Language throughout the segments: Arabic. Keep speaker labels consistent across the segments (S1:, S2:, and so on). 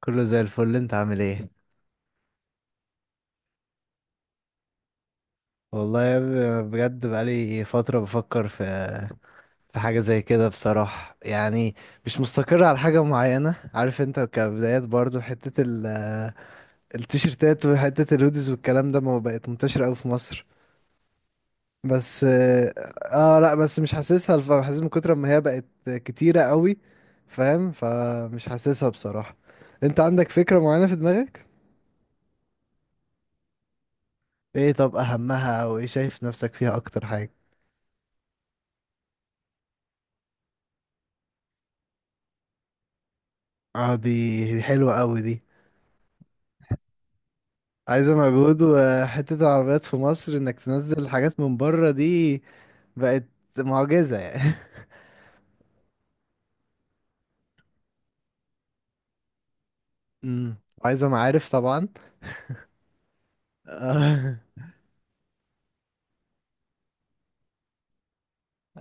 S1: كله زي الفل، انت عامل ايه؟ والله يا ابني، انا بجد بقالي فترة بفكر في حاجة زي كده بصراحة يعني. مش مستقر على حاجة معينة. عارف انت، كبدايات برضو، حتة التيشيرتات وحتة الهوديز والكلام ده ما بقت منتشرة اوي في مصر. بس اه. اه، لا بس مش حاسسها حاسس من كتر ما هي بقت كتيرة قوي. فاهم؟ فمش حاسسها بصراحة. انت عندك فكرة معينة في دماغك؟ ايه، طب اهمها؟ او ايه شايف نفسك فيها اكتر حاجة؟ اه، دي حلوة قوي دي. عايزة مجهود. وحتة العربيات في مصر انك تنزل حاجات من بره دي بقت معجزة يعني. امم. عايزة معارف طبعا. آه.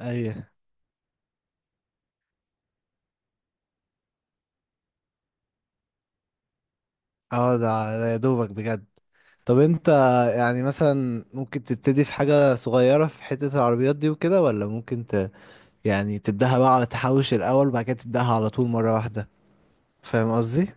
S1: ايوه. اه، ده يا دوبك بجد. طب انت، يعني مثلا ممكن تبتدي في حاجة صغيرة في حتة العربيات دي وكده، ولا ممكن يعني تبدأها بقى، تحوش الأول وبعد كده تبدأها على طول مرة واحدة. فاهم قصدي؟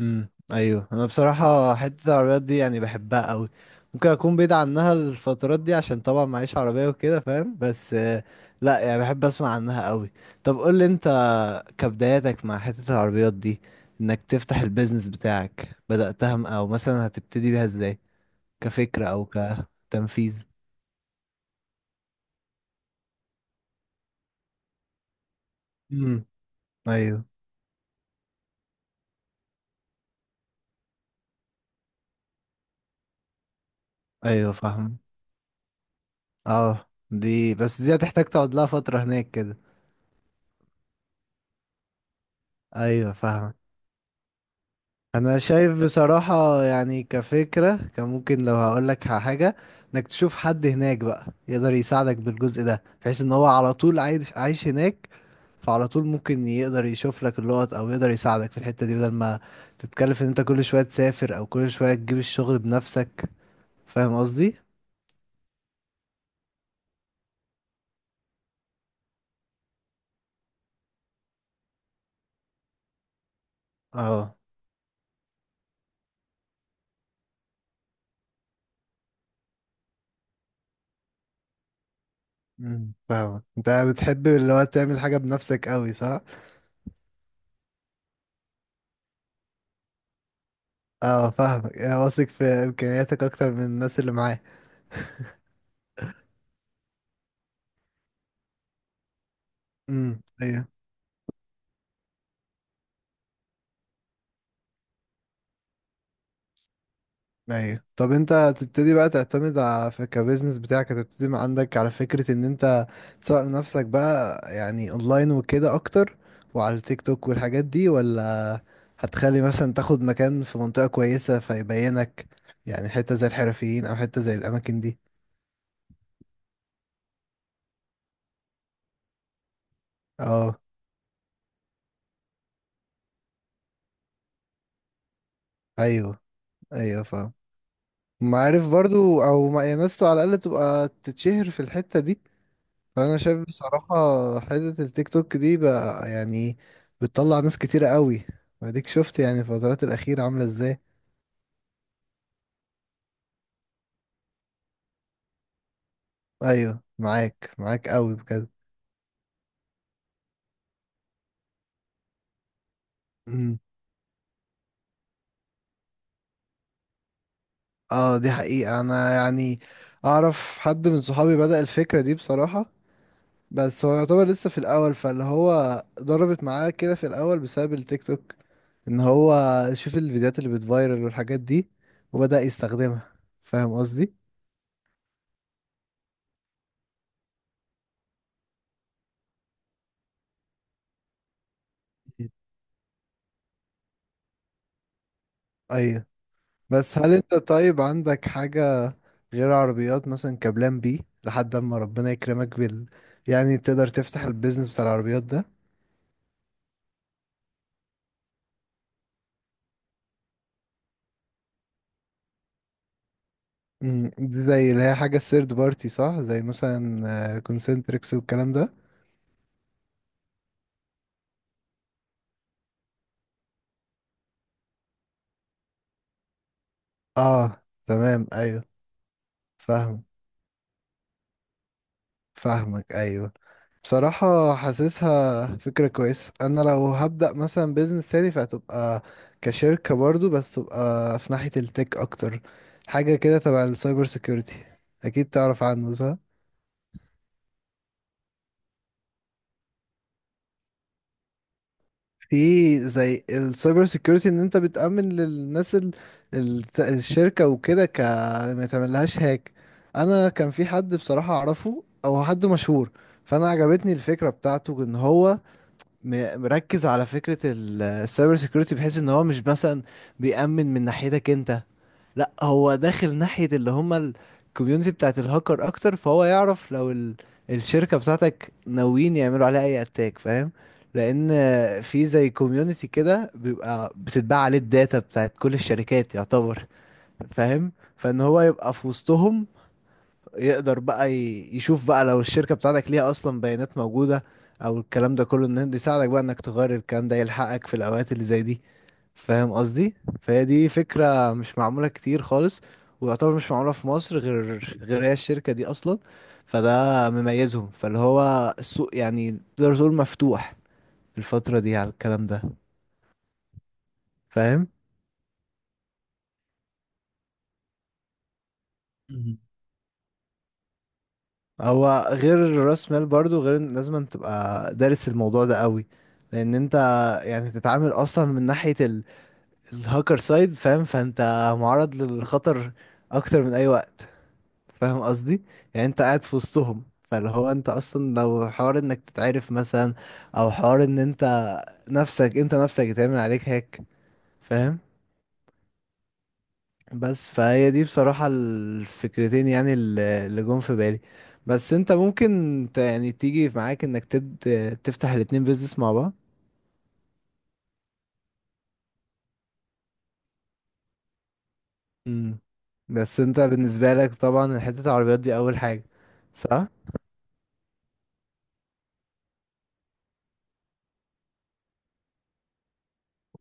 S1: ايوه، انا بصراحه حته العربيات دي يعني بحبها قوي. ممكن اكون بعيد عنها الفترات دي عشان طبعا معيش عربيه وكده، فاهم؟ بس لا، يعني بحب اسمع عنها قوي. طب قول لي انت، كبداياتك مع حته العربيات دي، انك تفتح البيزنس بتاعك، بداتها او مثلا هتبتدي بيها ازاي، كفكره او كتنفيذ؟ امم، ايوه. ايوه، فاهم. اه، دي بس دي هتحتاج تقعد لها فتره هناك كده. ايوه، فاهم. انا شايف بصراحة يعني، كفكرة كان ممكن لو هقولك على حاجة، انك تشوف حد هناك بقى يقدر يساعدك بالجزء ده، بحيث ان هو على طول عايش عايش هناك. فعلى طول ممكن يقدر يشوف لك اللقط او يقدر يساعدك في الحتة دي، بدل ما تتكلف ان انت كل شوية تسافر او كل شوية تجيب الشغل بنفسك. فاهم قصدي؟ اه. فاهمك، انت بتحب اللي هو تعمل حاجة بنفسك قوي، صح؟ اه، فاهمك، يعني واثق في امكانياتك اكتر من الناس اللي معاك. امم، ايوه. ايوه. طب انت هتبتدي بقى تعتمد على في كبزنس بتاعك، هتبتدي من عندك على فكرة ان انت تسوق لنفسك بقى يعني اونلاين وكده اكتر، وعلى التيك توك والحاجات دي، ولا هتخلي مثلا تاخد مكان في منطقة كويسة فيبينك، يعني حتة زي الحرفيين او حتة زي الاماكن دي؟ اه، ايوه. ايوه، فاهم. ما عارف برضو، او ما يعني ناس على الاقل تبقى تتشهر في الحتة دي. فانا شايف بصراحة، حتة التيك توك دي بقى يعني، بتطلع ناس كتيرة قوي. واديك شفت يعني الفترات الأخيرة عاملة ازاي. ايوه، معاك معاك قوي بجد. مم. اه، دي حقيقة انا يعني، اعرف حد من صحابي بدأ الفكرة دي بصراحة. بس هو يعتبر لسه في الاول، فاللي هو ضربت معاه كده في الاول بسبب التيك توك، ان هو شوف الفيديوهات اللي بتفايرل والحاجات دي وبدأ يستخدمها. فاهم قصدي؟ مم. ايوه. بس هل انت طيب عندك حاجة غير عربيات مثلا، كبلان بي لحد اما ربنا يكرمك يعني تقدر تفتح البيزنس بتاع العربيات ده؟ دي زي اللي هي حاجة الثيرد بارتي، صح؟ زي مثلا كونسنتريكس والكلام ده. اه، تمام، ايوه. فاهم، فاهمك، ايوه. بصراحة، حاسسها فكرة كويسة. انا لو هبدأ مثلا بيزنس تاني فهتبقى كشركة برضو، بس تبقى في ناحية التك اكتر، حاجة كده تبع السايبر سيكيورتي. اكيد تعرف عنه، صح؟ في زي السايبر سيكيورتي، ان انت بتأمن للناس الشركة وكده ما يتعملهاش هاك. انا كان في حد بصراحة اعرفه، او حد مشهور، فانا عجبتني الفكرة بتاعته، ان هو مركز على فكرة السايبر سيكيورتي، بحيث ان هو مش مثلا بيأمن من ناحيتك انت، لا، هو داخل ناحية اللي هما الكوميونتي بتاعت الهاكر اكتر، فهو يعرف لو الشركة بتاعتك ناويين يعملوا عليها اي اتاك، فاهم؟ لان في زي كوميونتي كده، بيبقى بتتباع عليه الداتا بتاعت كل الشركات، يعتبر. فاهم؟ فان هو يبقى في وسطهم، يقدر بقى يشوف بقى لو الشركة بتاعتك ليها اصلا بيانات موجودة، او الكلام ده كله، ان ده يساعدك بقى انك تغير الكلام ده يلحقك في الاوقات اللي زي دي. فاهم قصدي؟ فهي دي فكرة مش معمولة كتير خالص، ويعتبر مش معمولة في مصر غير هي الشركة دي أصلا. فده مميزهم، فاللي هو السوق يعني تقدر تقول مفتوح في الفترة دي على الكلام ده. فاهم. مم. هو غير راس مال برضو، غير إن لازم تبقى دارس الموضوع ده قوي، لان انت يعني تتعامل اصلا من ناحية الهاكر سايد، فاهم؟ فانت معرض للخطر اكتر من اي وقت. فاهم قصدي؟ يعني انت قاعد في وسطهم. فاللي هو انت اصلا لو حوار انك تتعرف مثلا، او حوار ان انت نفسك انت نفسك يتعمل عليك هيك. فاهم؟ بس فهي دي بصراحة الفكرتين يعني، اللي جم في بالي. بس انت ممكن يعني تيجي معاك انك تفتح الاتنين بيزنس مع بعض. مم. بس انت بالنسبة لك طبعا، حتة العربيات دي اول حاجة، صح؟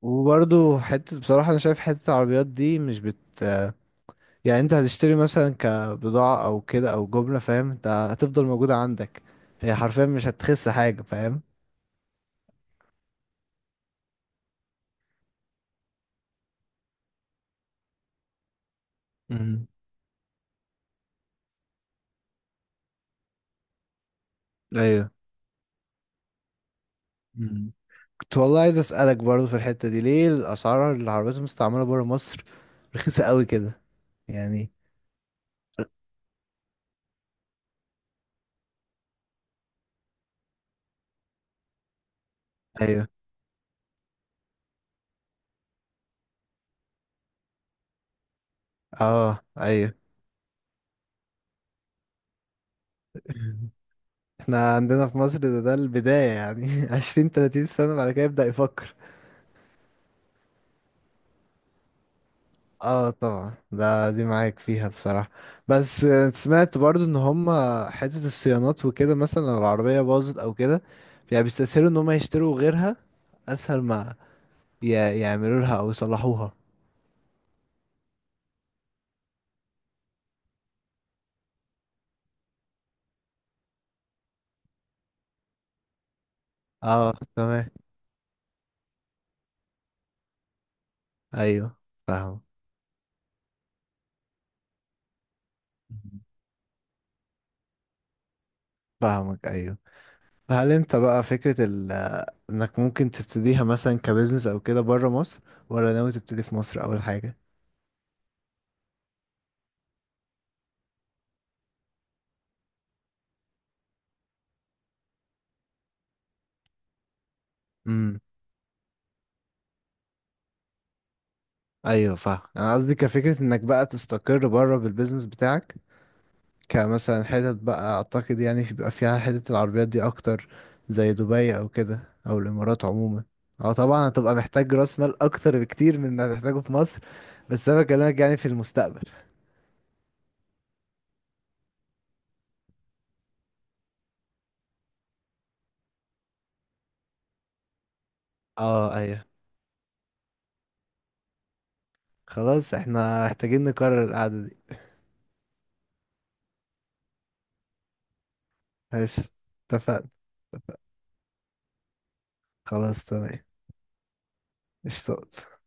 S1: وبرضو، حتة بصراحة انا شايف حتة العربيات دي مش يعني انت هتشتري مثلا كبضاعة او كده او جملة، فاهم؟ انت هتفضل موجودة عندك، هي حرفيا مش هتخس حاجة، فاهم؟ مم. ايوه. مم. كنت والله عايز اسألك برضو في الحتة دي، ليه الاسعار العربيات المستعملة برا مصر رخيصة قوي كده؟ يعني. ايوه. اه، ايوه. احنا عندنا في مصر ده البداية يعني 20 30 سنة بعد كده يبدأ يفكر. اه، طبعا ده دي معاك فيها بصراحة. بس سمعت برضو ان هم حتة الصيانات وكده، مثلا لو العربية باظت او كده، يعني بيستسهلوا ان هم يشتروا غيرها، اسهل ما يعملوا لها او يصلحوها. اه، تمام. ايوه. فاهم، فاهمك، ايوه. فهل انت بقى فكرة انك ممكن تبتديها مثلا كبزنس او كده بره مصر، ولا ناوي تبتدي في مصر اول حاجة؟ امم ايوه، فاهم. انا قصدي كفكرة انك بقى تستقر بره بالبزنس بتاعك، كمثلا حتت بقى اعتقد يعني، بيبقى فيها حتت العربيات دي اكتر، زي دبي او كده، او الامارات عموما. اه، طبعا هتبقى محتاج راس مال اكتر بكتير من اللي هتحتاجه في مصر، بس انا بكلمك يعني في المستقبل. اه، ايوه. خلاص، احنا محتاجين نكرر القعدة دي. ماشي. اتفقنا. اتفقنا. خلاص تمام. اشتقت.